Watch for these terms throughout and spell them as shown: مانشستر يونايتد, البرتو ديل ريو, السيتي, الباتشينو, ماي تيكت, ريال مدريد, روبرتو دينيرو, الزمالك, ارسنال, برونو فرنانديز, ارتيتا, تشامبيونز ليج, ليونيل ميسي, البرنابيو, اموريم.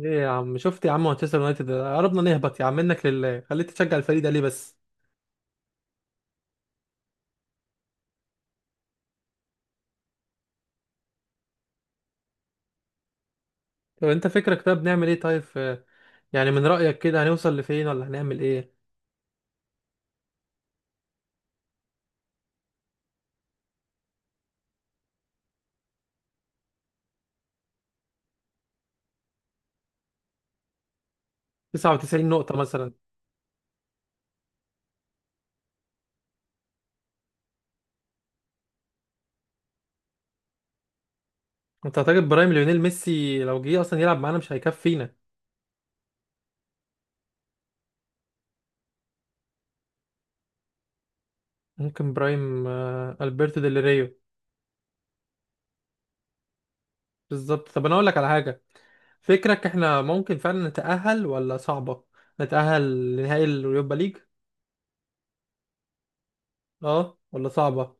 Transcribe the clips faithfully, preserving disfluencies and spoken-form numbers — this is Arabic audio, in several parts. ايه يا عم، شفت يا عم؟ مانشستر يونايتد قربنا نهبط. يا عم منك لله، خليك تشجع الفريق ده ليه بس؟ طب انت فكرك، طب نعمل ايه طيب؟ في. يعني من رأيك كده هنوصل لفين، ولا هنعمل ايه؟ تسعة وتسعين نقطة مثلا. انت هتجيب برايم ليونيل ميسي؟ لو جه اصلا يلعب معانا مش هيكفينا. ممكن برايم، آه، البرتو ديل ريو. بالظبط. طب انا اقول لك على حاجة. فكرك احنا ممكن فعلا نتأهل، ولا صعبة؟ نتأهل لنهائي اليوروبا ليج. اه، ولا صعبة؟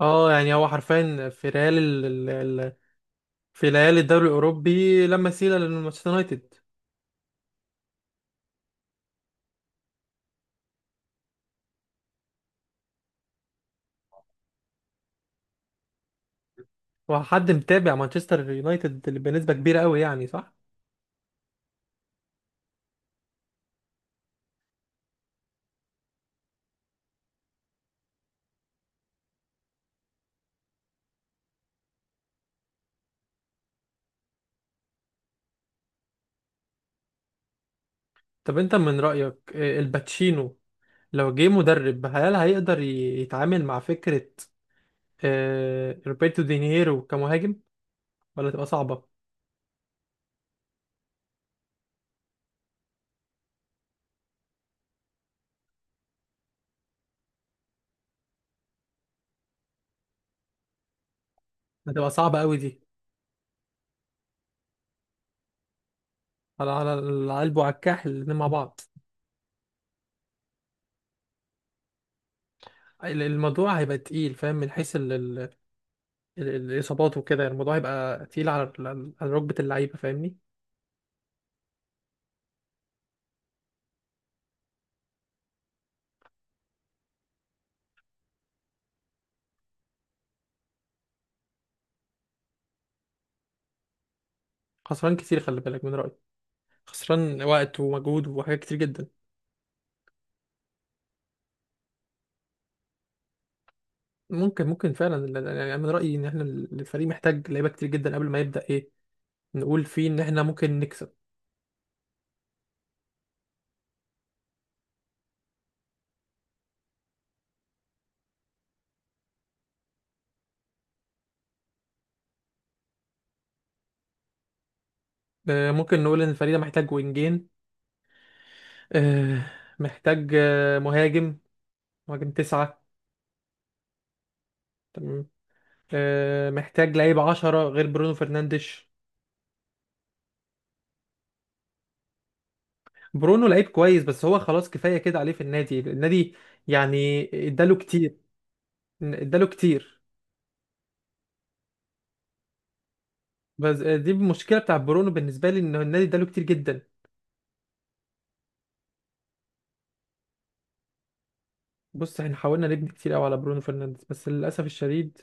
اه، يعني هو حرفيا، في ريال في ليالي الدوري الاوروبي لا مثيل لمانشستر يونايتد. وحد متابع مانشستر يونايتد اللي بنسبه كبيره قوي، يعني صح؟ طب انت من رايك، آه، الباتشينو، لو جه مدرب هل هيقدر ي- يتعامل مع فكره آه، روبرتو دينيرو كمهاجم؟ ولا تبقى صعبه؟ هتبقى صعبه قوي دي. على على القلب وعلى الكاحل الاتنين مع بعض. ال- الموضوع هيبقى تقيل، فاهم؟ من حيث ال- ال- ال- الاصابات وكده، الموضوع هيبقى تقيل على على ركبه اللعيبه، فاهمني؟ خسران كتير، خلي بالك من رايي. خسران وقت ومجهود وحاجات كتير جدا. ممكن ممكن فعلا، ال- يعني من رأيي ان احنا، ال- الفريق محتاج لعيبة كتير جدا قبل ما يبدأ ايه. نقول فيه ان احنا ممكن نكسب. آه، ممكن نقول ان الفريق ده محتاج وينجين. آه، محتاج آه، مهاجم. مهاجم تسعة. تمام. آه، محتاج لعيب عشرة غير برونو فرنانديش. برونو لعيب كويس، بس هو خلاص كفاية كده عليه في النادي النادي يعني اداله كتير. اداله كتير. بس آه، دي المشكلة بتاع برونو بالنسبة لي، ان النادي اداله كتير جدا. بص، احنا حاولنا نبني كتير قوي على برونو فرنانديز، بس للاسف الشديد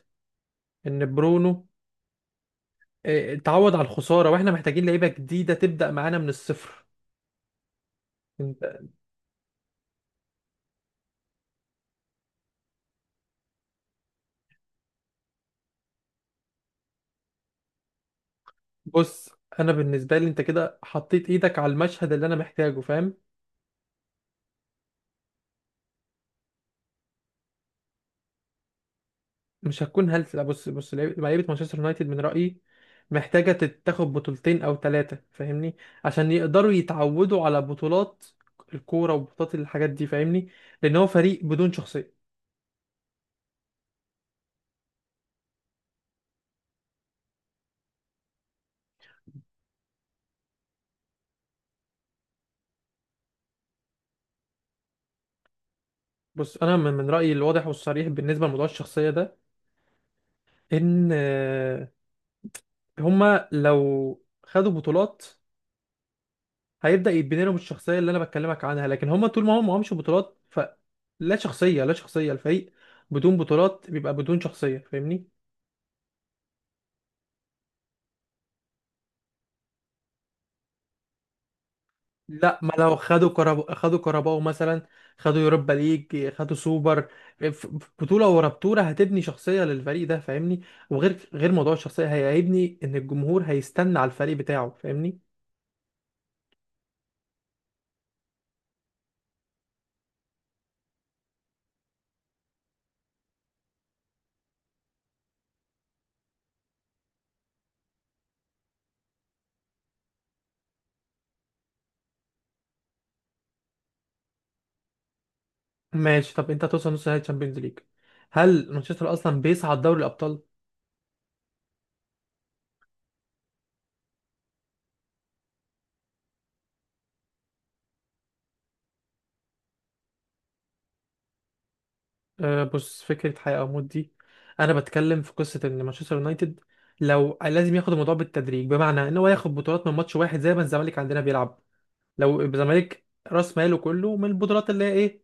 ان برونو اه، اتعود على الخساره، واحنا محتاجين لعيبه جديده تبدا معانا من الصفر. انت. بص، انا بالنسبه لي انت كده حطيت ايدك على المشهد اللي انا محتاجه، فاهم؟ مش هتكون هلس. لا، بص بص، لعيبه لعيبة مانشستر يونايتد من رايي محتاجه تتاخد بطولتين او ثلاثه، فاهمني؟ عشان يقدروا يتعودوا على بطولات الكوره وبطولات الحاجات دي، فاهمني؟ لان هو فريق بدون شخصيه. بص، انا من من رايي الواضح والصريح بالنسبه لموضوع الشخصيه ده، ان آه، هما لو خدوا بطولات هيبدأ يتبني لهم الشخصية اللي انا بكلمك عنها، لكن هما طول ما هم معهمش بطولات فلا شخصية، لا شخصية. الفريق بدون بطولات بيبقى بدون شخصية، فاهمني؟ لا، ما لو خدوا كرب... خدوا كرباو مثلا، خدوا يوروبا ليج، خدوا سوبر، ف- بطولة ورا بطولة هتبني شخصية للفريق ده، فاهمني؟ وغير غير موضوع الشخصية هي- هيبني ان الجمهور هيستنى على الفريق بتاعه، فاهمني؟ ماشي. طب انت هتوصل نص نهائي تشامبيونز ليج؟ هل مانشستر اصلا بيصعد دوري الابطال؟ آه، بص، فكره حياه او موت دي، انا بتكلم في قصه ان مانشستر يونايتد، لو لازم ياخد الموضوع بالتدريج، بمعنى ان هو ياخد بطولات من ماتش واحد زي ما الزمالك عندنا بيلعب. لو الزمالك راس ماله كله من البطولات اللي هي ايه؟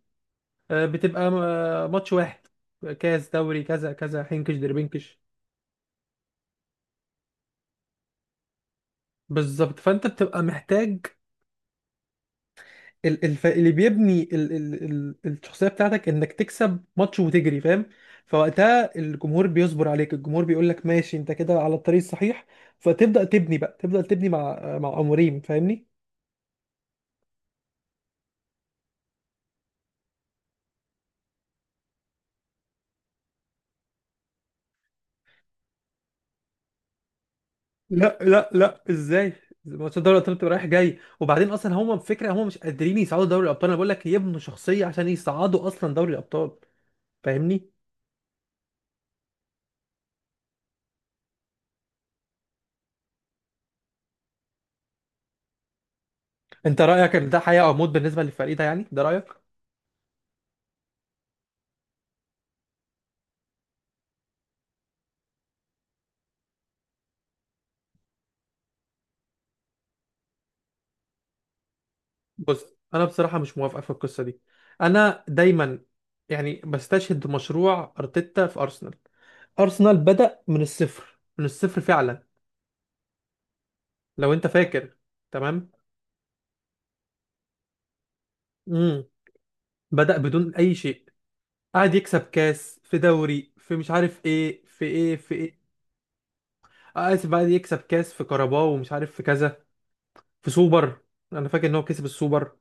آه بتبقى م- آه ماتش واحد، كاس، دوري، كذا كذا، حنكش دربنكش. بالظبط، فانت بتبقى محتاج ال- الف... اللي بيبني ال... ال... ال... الشخصيه بتاعتك، انك تكسب ماتش وتجري، فاهم؟ فوقتها الجمهور بيصبر عليك، الجمهور بيقول لك ماشي، انت كده على الطريق الصحيح. فتبدا تبني بقى، تبدا تبني مع مع اموريم، فاهمني؟ لا لا لا، ازاي؟ ماتش دوري الابطال بتبقى رايح جاي، وبعدين اصلا هم الفكره، هم مش قادرين يصعدوا دوري الابطال، انا بقول لك يبنوا شخصيه عشان يصعدوا اصلا دوري الابطال، فاهمني؟ انت رايك ان ده حياه او موت بالنسبه للفريق ده؟ يعني ده رايك؟ بص، انا بصراحه مش موافق في القصه دي. انا دايما يعني بستشهد مشروع ارتيتا في ارسنال. ارسنال بدا من الصفر، من الصفر فعلا، لو انت فاكر. تمام. امم بدا بدون اي شيء. قعد يكسب كاس في دوري، في مش عارف ايه، في ايه في ايه. آه، اسف، قعد يكسب كاس في كاراباو ومش عارف في كذا، في سوبر. انا فاكر ان هو كسب السوبر.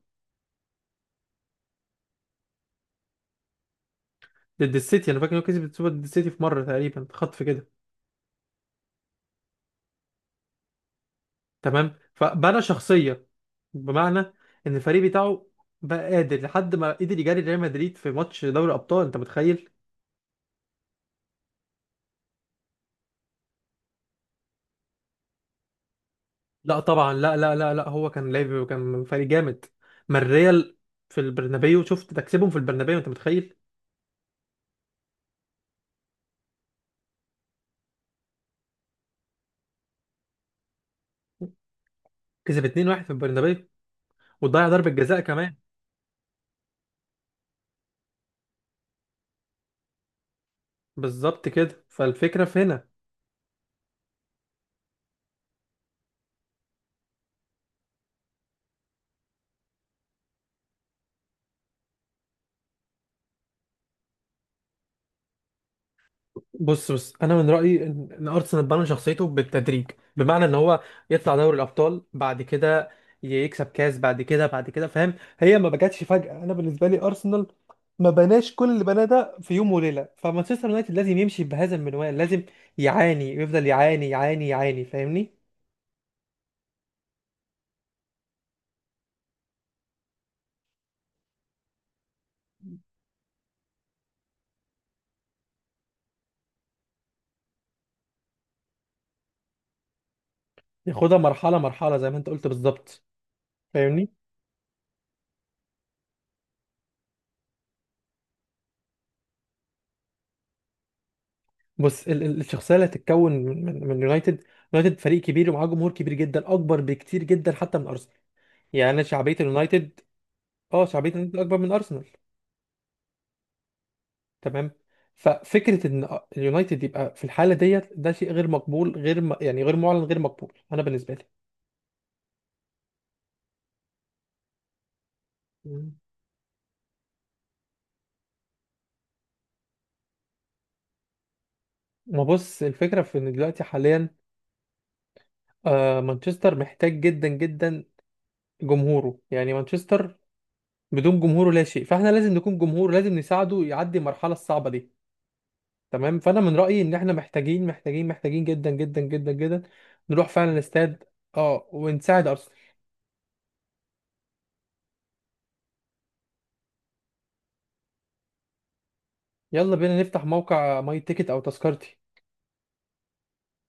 ضد السيتي، انا فاكر ان هو كسب السوبر ضد السيتي في مره تقريبا، خطف كده. تمام، فبنى شخصيه، بمعنى ان الفريق بتاعه بقى قادر، لحد ما قدر يجاري ريال مدريد في ماتش دوري ابطال، انت متخيل؟ لا طبعا، لا لا لا لا، هو كان لاعب، كان فريق جامد. ما الريال، في البرنابيو، شفت؟ تكسبهم في البرنابيو، انت متخيل؟ كسب اتنين واحد في البرنابيو، وضيع ضربه جزاء كمان. بالظبط كده، فالفكره في هنا. بص بص، انا من رايي ان إن ارسنال بنى شخصيته بالتدريج، بمعنى ان هو يطلع دوري الابطال بعد كده، يكسب كاس بعد كده بعد كده، فاهم؟ هي ما بجاتش فجاه. انا بالنسبه لي ارسنال ما بناش كل اللي بناه ده في يوم وليله. فمانشستر يونايتد لازم يمشي بهذا المنوال، لازم يعاني، يفضل يعاني يعاني يعاني، فاهمني؟ ياخدها مرحله مرحله زي ما انت قلت بالظبط، فاهمني؟ بص، ال ال الشخصيه اللي هتتكون من من من يونايتد. يونايتد فريق كبير ومعاه جمهور كبير جدا، اكبر بكتير جدا حتى من ارسنال، يعني انا شعبيه اليونايتد. اه، شعبيه اليونايتد اكبر من ارسنال. تمام. ففكره ان اليونايتد يبقى في الحاله ديت، ده شيء غير مقبول، غير م... يعني غير معلن، غير مقبول، انا بالنسبه لي. مم. ما بص، الفكرة في إن دلوقتي حاليا، آه مانشستر محتاج جدا جدا جمهوره، يعني مانشستر بدون جمهوره لا شيء، فاحنا لازم نكون جمهور، لازم نساعده يعدي المرحلة الصعبة دي. تمام، فأنا من رأيي إن احنا محتاجين محتاجين محتاجين جدا جدا جدا جدا نروح فعلا الاستاد. اه، ونساعد أرسنال. يلا بينا نفتح موقع ماي تيكت او تذكرتي.